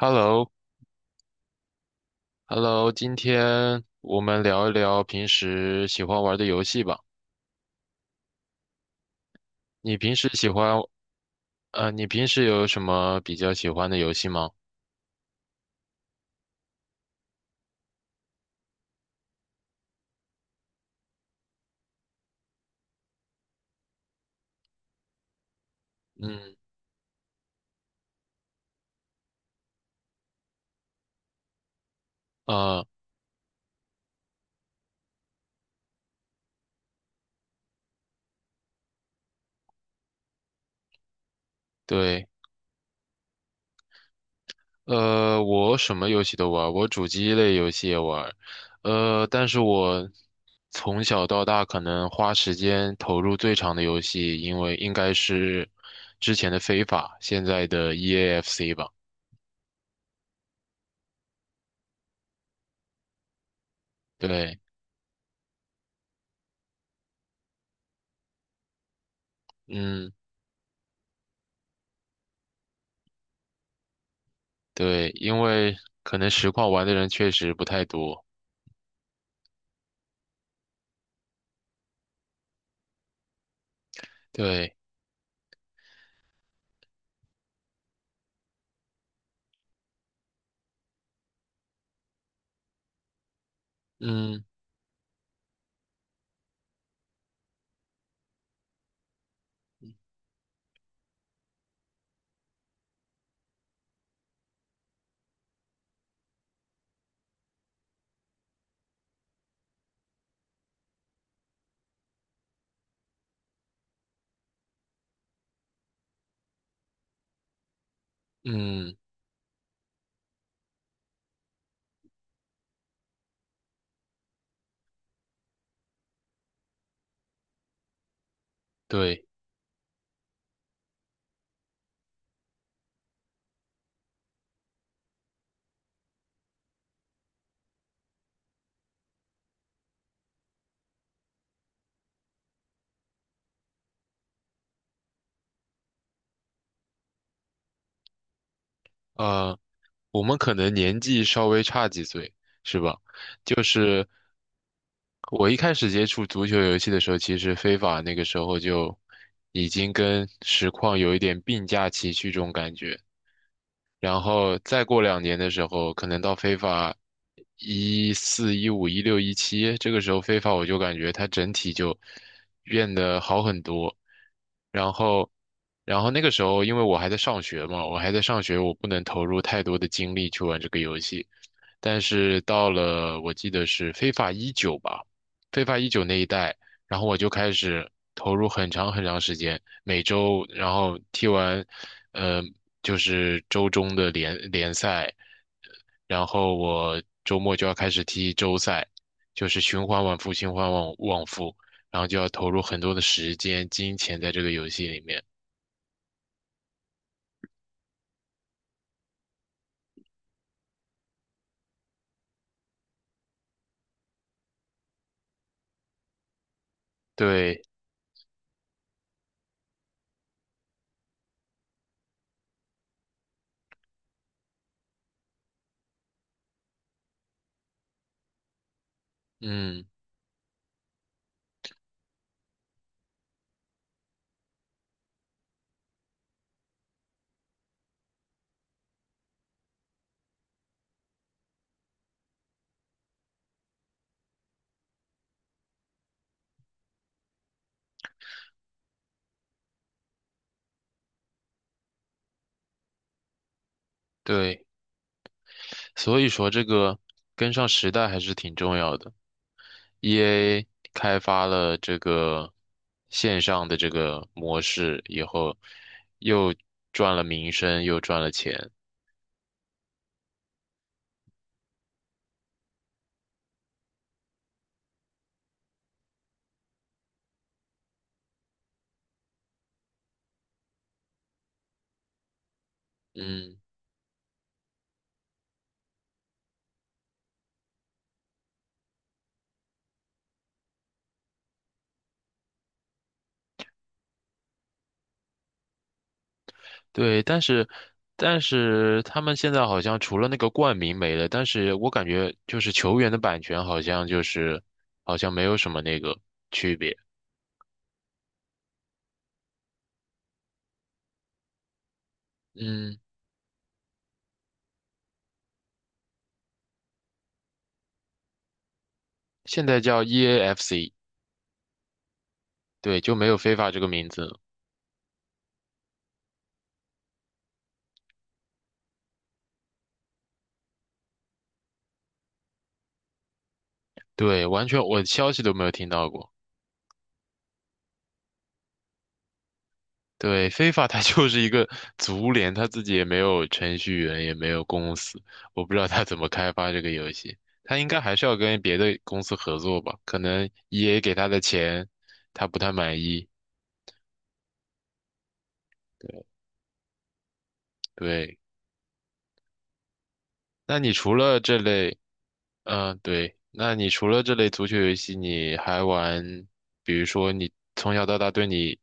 h e l l o h e l l o 今天我们聊一聊平时喜欢玩的游戏吧。你平时喜欢，你平时有什么比较喜欢的游戏吗？嗯，啊，对，我什么游戏都玩，我主机类游戏也玩，但是我从小到大可能花时间投入最长的游戏，因为应该是之前的非法，现在的 EAFC 吧。对，嗯。对，因为可能实况玩的人确实不太多。对，嗯嗯，对，呃，我们可能年纪稍微差几岁，是吧？就是我一开始接触足球游戏的时候，其实非法那个时候就已经跟实况有一点并驾齐驱这种感觉。然后再过两年的时候，可能到非法14、15、16、17，这个时候非法我就感觉它整体就变得好很多。然后，然后那个时候因为我还在上学嘛，我还在上学，我不能投入太多的精力去玩这个游戏。但是到了我记得是非法一九吧，非法一九那一代，然后我就开始投入很长很长时间，每周然后踢完。呃就是周中的联赛，然后我周末就要开始踢周赛，就是循环往复，循环往复，然后就要投入很多的时间、金钱在这个游戏里面。对，嗯，对，所以说这个跟上时代还是挺重要的。EA 开发了这个线上的这个模式以后，又赚了名声，又赚了钱。嗯。对，但是他们现在好像除了那个冠名没了，但是我感觉就是球员的版权好像就是好像没有什么那个区别。嗯，现在叫 EAFC，对，就没有非法这个名字。对，完全我消息都没有听到过。对，非法它 就是一个足联，它自己也没有程序员，也没有公司，我不知道它怎么开发这个游戏。它应该还是要跟别的公司合作吧？可能 EA 给他的钱，他不太满意。对，那你除了这类，嗯、对，那你除了这类足球游戏，你还玩，比如说你从小到大对你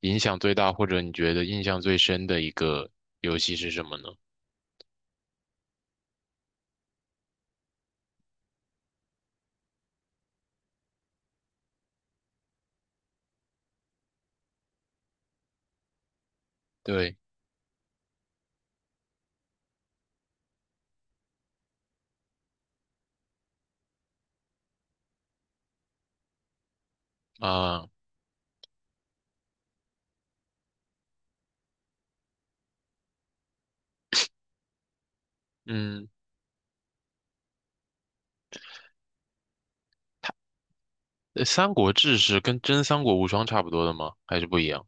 影响最大，或者你觉得印象最深的一个游戏是什么呢？对，啊、嗯。《三国志》是跟真《三国无双》差不多的吗？还是不一样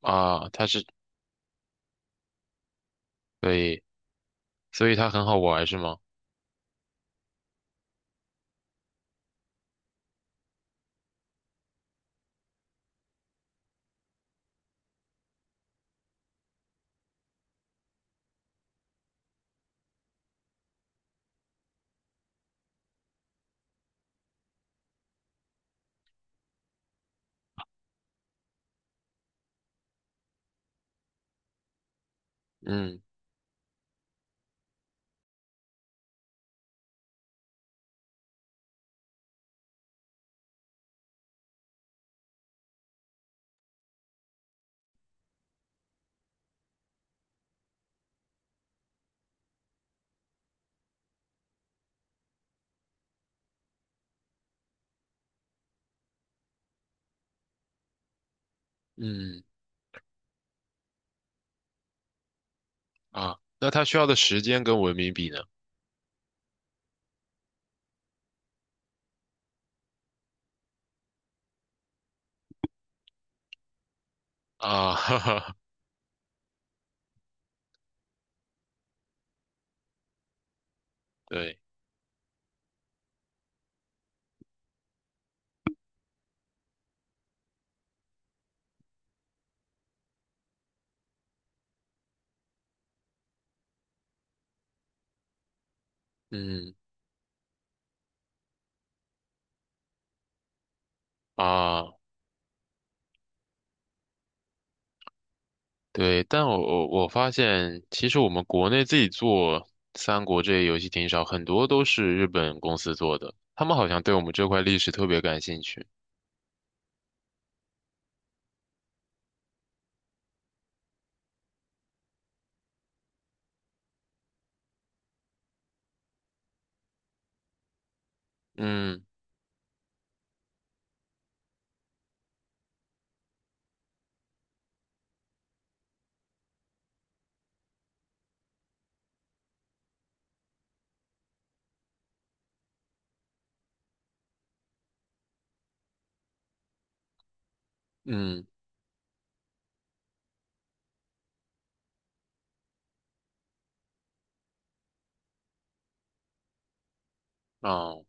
啊？对，所以它很好玩是吗？嗯嗯啊，那它需要的时间跟文明比呢？啊，哈哈，对，嗯啊，对，但我发现，其实我们国内自己做三国这些游戏挺少，很多都是日本公司做的，他们好像对我们这块历史特别感兴趣。嗯嗯啊。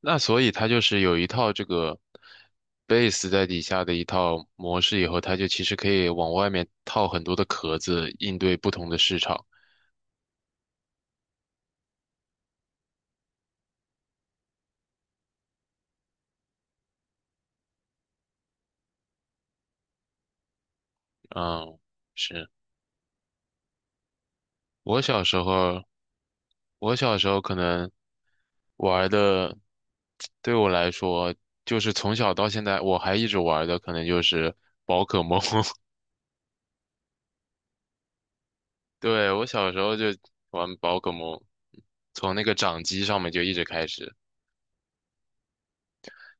那所以它就是有一套这个 base 在底下的一套模式，以后它就其实可以往外面套很多的壳子，应对不同的市场。嗯，是我小时候，我小时候可能玩的，对我来说，就是从小到现在我还一直玩的，可能就是宝可梦。对，我小时候就玩宝可梦，从那个掌机上面就一直开始。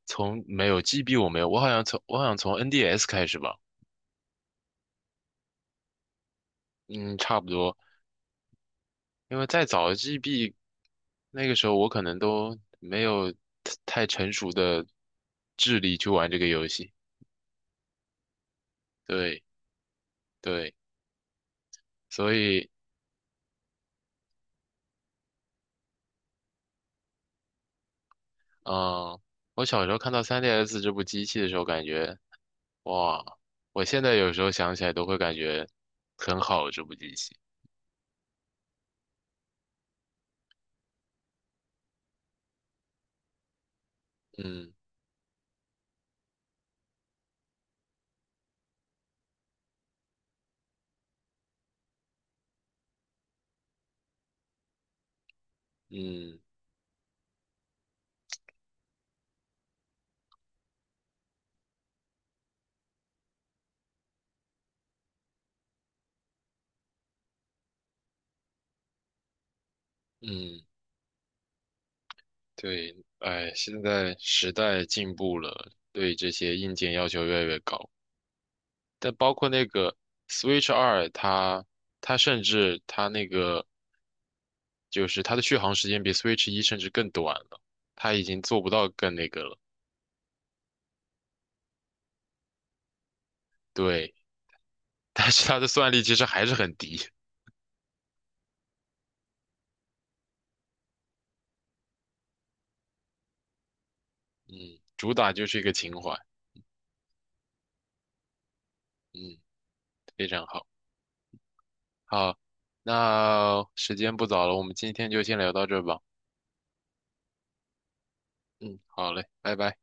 从没有 GB 我没有，我好像从 NDS 开始吧，嗯，差不多，因为再早 GB 那个时候我可能都没有太成熟的智力去玩这个游戏，对对，所以嗯，我小时候看到 3DS 这部机器的时候，感觉哇，我现在有时候想起来都会感觉很好这部机器，嗯嗯嗯。对，哎，现在时代进步了，对这些硬件要求越来越高。但包括那个 Switch 2，它甚至它那个就是它的续航时间比 Switch 1甚至更短了，它已经做不到更那个了。对，但是它的算力其实还是很低。嗯，主打就是一个情怀。嗯，非常好。好，那时间不早了，我们今天就先聊到这儿吧。嗯，好嘞，拜拜。